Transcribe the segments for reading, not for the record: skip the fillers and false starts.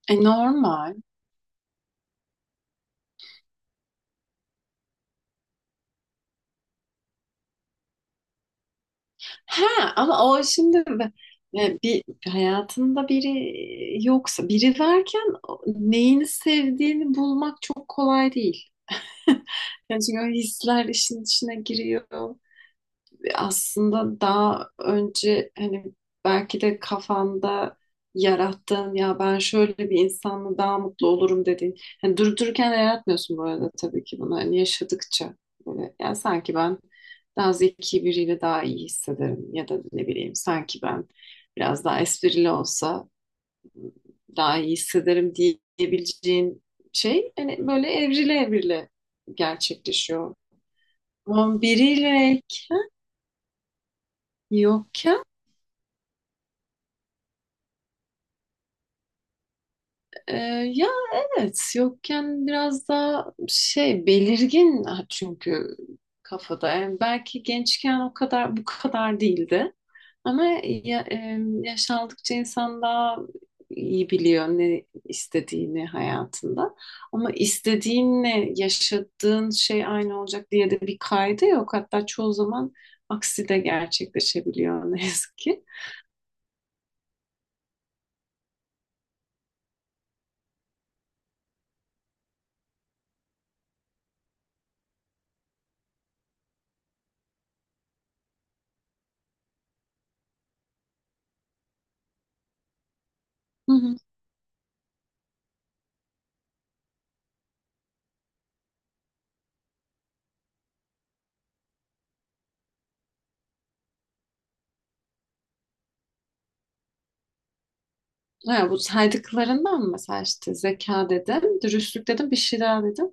E, normal. Ha ama o şimdi bir hayatında biri yoksa biri varken neyini sevdiğini bulmak çok kolay değil. Yani çünkü o hisler işin içine giriyor. Aslında daha önce hani belki de kafanda yarattığın, ya ben şöyle bir insanla daha mutlu olurum dediğin. Hani durup dururken de yaratmıyorsun bu arada, tabii ki bunu hani yaşadıkça böyle, yani sanki ben daha zeki biriyle daha iyi hissederim, ya da ne bileyim sanki ben biraz daha esprili olsa daha iyi hissederim diyebileceğin şey hani böyle evrile evrile gerçekleşiyor. Ama biriyle yok. Ee, ya evet, yokken biraz daha şey belirgin, ha, çünkü kafada. Yani belki gençken o kadar bu kadar değildi ama ya, yaş aldıkça insan daha iyi biliyor ne istediğini hayatında, ama istediğinle yaşadığın şey aynı olacak diye de bir kaydı yok, hatta çoğu zaman aksi de gerçekleşebiliyor ne yazık ki. Ha, bu saydıklarından mı mesela? İşte zeka dedim, dürüstlük dedim, bir şey daha dedim.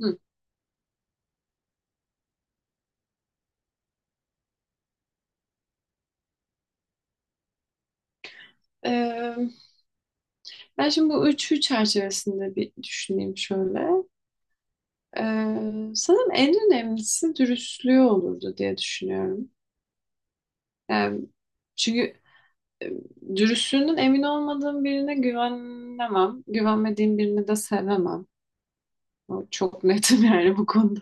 Hı. Ee, ben şimdi bu üçü çerçevesinde bir düşüneyim şöyle. Sanırım en önemlisi dürüstlüğü olurdu diye düşünüyorum. Yani çünkü e, dürüstlüğünün emin olmadığım birine güvenemem. Güvenmediğim birini de sevemem. O, çok netim yani bu konuda.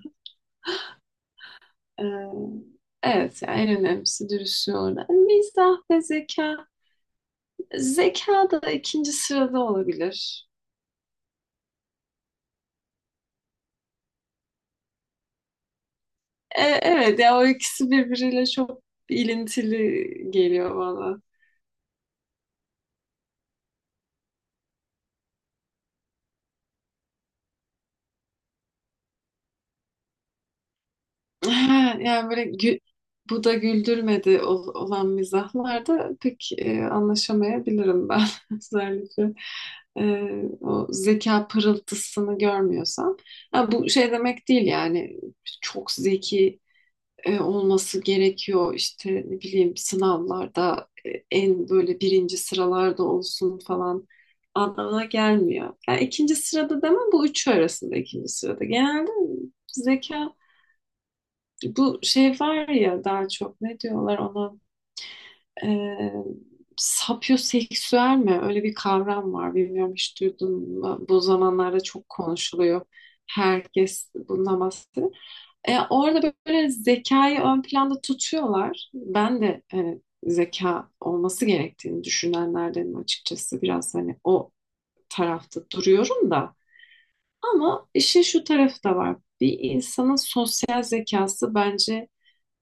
Ee, evet, yani en önemlisi dürüstlüğü olurdu. Yani mizah ve zeka, zeka da ikinci sırada olabilir. Evet ya, o ikisi birbiriyle çok ilintili geliyor bana. Yani böyle bu da güldürmedi olan mizahlarda pek anlaşamayabilirim ben özellikle. e, O zeka pırıltısını görmüyorsam. Ha, bu şey demek değil yani çok zeki olması gerekiyor. İşte ne bileyim sınavlarda en böyle birinci sıralarda olsun falan anlamına gelmiyor. Yani ikinci sırada demem, bu üçü arasında ikinci sırada. Genelde zeka, bu şey var ya, daha çok ne diyorlar ona, e, sapyoseksüel mi? Öyle bir kavram var. Bilmiyorum, hiç duydun mu? Bu zamanlarda çok konuşuluyor. Herkes bundan bahsediyor. E, orada böyle zekayı ön planda tutuyorlar. Ben de hani zeka olması gerektiğini düşünenlerdenim açıkçası. Biraz hani o tarafta duruyorum da. Ama işin şu tarafı da var. Bir insanın sosyal zekası bence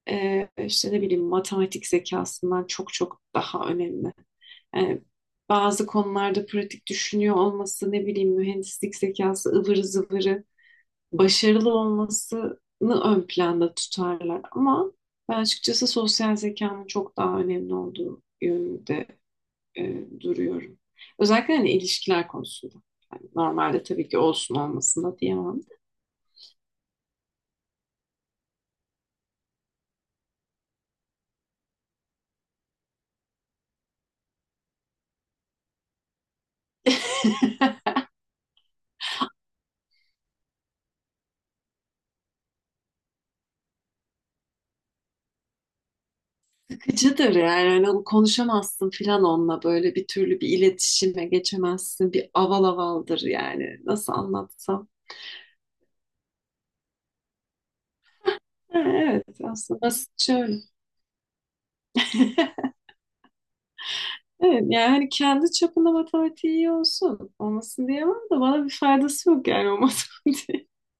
işte ne bileyim matematik zekasından çok çok daha önemli. Yani bazı konularda pratik düşünüyor olması, ne bileyim mühendislik zekası ıvır zıvırı başarılı olmasını ön planda tutarlar ama ben açıkçası sosyal zekanın çok daha önemli olduğu yönünde duruyorum. Özellikle hani ilişkiler konusunda. Yani normalde tabii ki olsun olmasın diyemem. Sıkıcıdır yani. Hani onu konuşamazsın filan, onunla böyle bir türlü bir iletişime geçemezsin. Bir aval avaldır yani. Nasıl anlatsam. Ha, evet, aslında basit şöyle. Evet, yani hani kendi çapında matematiği iyi olsun. Olmasın diyemem de bana bir faydası yok yani o matematiğin.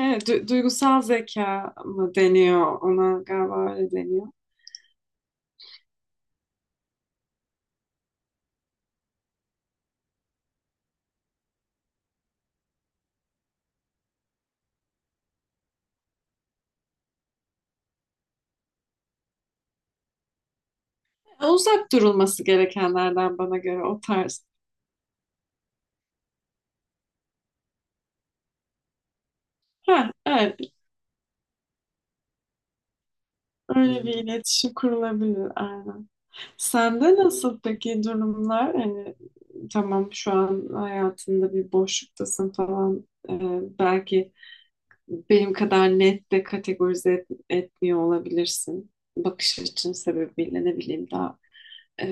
Evet, duygusal zeka mı deniyor ona, galiba öyle deniyor. Uzak durulması gerekenlerden bana göre o tarz. Ha, evet, öyle bir, hmm, iletişim kurulabilir aynen. Sende nasıl peki durumlar? Hani tamam, şu an hayatında bir boşluktasın falan. Belki benim kadar net de kategorize etmiyor olabilirsin. Bakış açın sebebiyle ne bileyim daha e,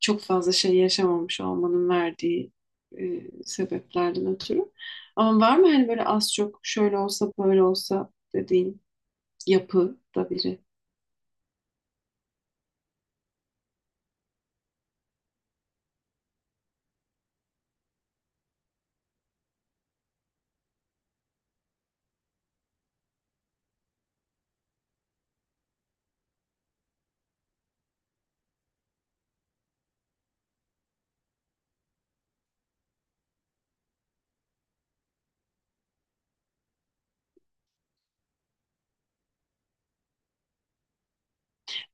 çok fazla şey yaşamamış olmanın verdiği sebeplerden ötürü. Ama var mı hani böyle az çok şöyle olsa böyle olsa dediğin yapıda biri?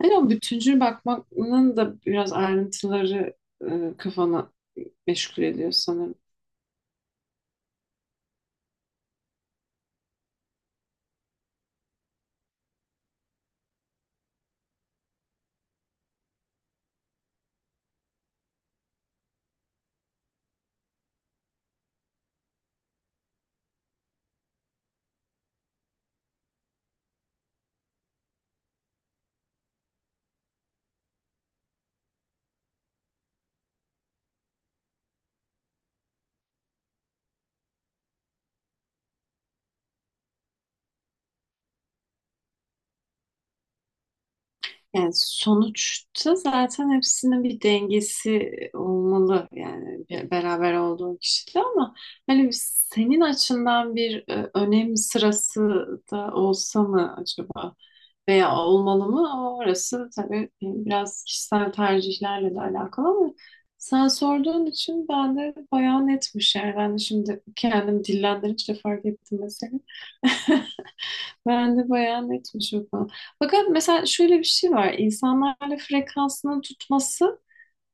Hani o bütüncül bakmanın da biraz ayrıntıları kafana meşgul ediyor sanırım. Yani sonuçta zaten hepsinin bir dengesi olmalı yani beraber olduğun kişide, ama hani senin açından bir önem sırası da olsa mı acaba, veya olmalı mı? Orası tabii biraz kişisel tercihlerle de alakalı, ama sen sorduğun için ben de bayağı netmiş, yani ben de şimdi kendim dillendirince fark ettim mesela. Ben de bayağı netmiş o konu. Fakat mesela şöyle bir şey var. İnsanlarla frekansını tutması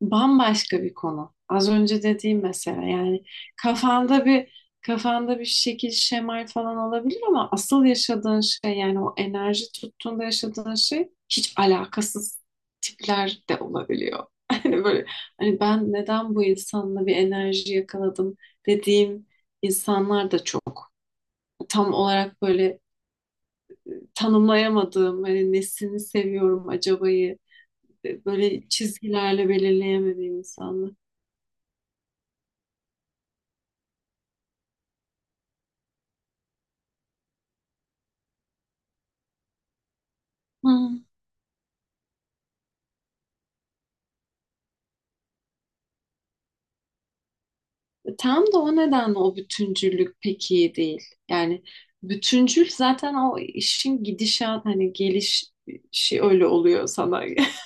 bambaşka bir konu. Az önce dediğim mesela, yani kafanda bir şekil şemal falan olabilir ama asıl yaşadığın şey, yani o enerji tuttuğunda yaşadığın şey hiç alakasız tipler de olabiliyor. Hani böyle, hani ben neden bu insanla bir enerji yakaladım dediğim insanlar da çok. Tam olarak böyle tanımlayamadığım, hani nesini seviyorum acabayı, böyle çizgilerle belirleyemediğim insanlar. Hı. Tam da o nedenle o bütüncüllük pek iyi değil. Yani bütüncül zaten o işin gidişat, hani gelişi öyle oluyor sana.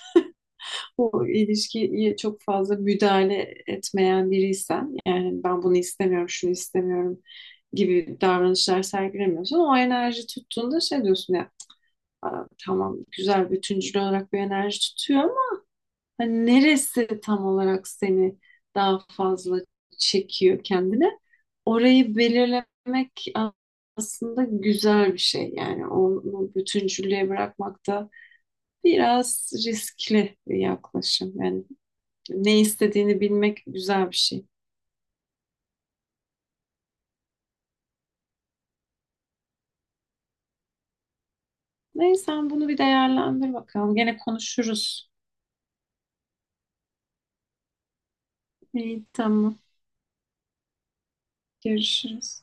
O ilişkiye çok fazla müdahale etmeyen biriysen, yani ben bunu istemiyorum, şunu istemiyorum gibi davranışlar sergilemiyorsan, o enerji tuttuğunda şey diyorsun: aa, tamam, güzel, bütüncül olarak bir enerji tutuyor ama hani neresi tam olarak seni daha fazla çekiyor kendine? Orayı belirlemek aslında güzel bir şey. Yani onu bütüncüllüğe bırakmak da biraz riskli bir yaklaşım. Yani ne istediğini bilmek güzel bir şey. Neyse, sen bunu bir değerlendir bakalım. Gene konuşuruz. İyi, tamam. Görüşürüz.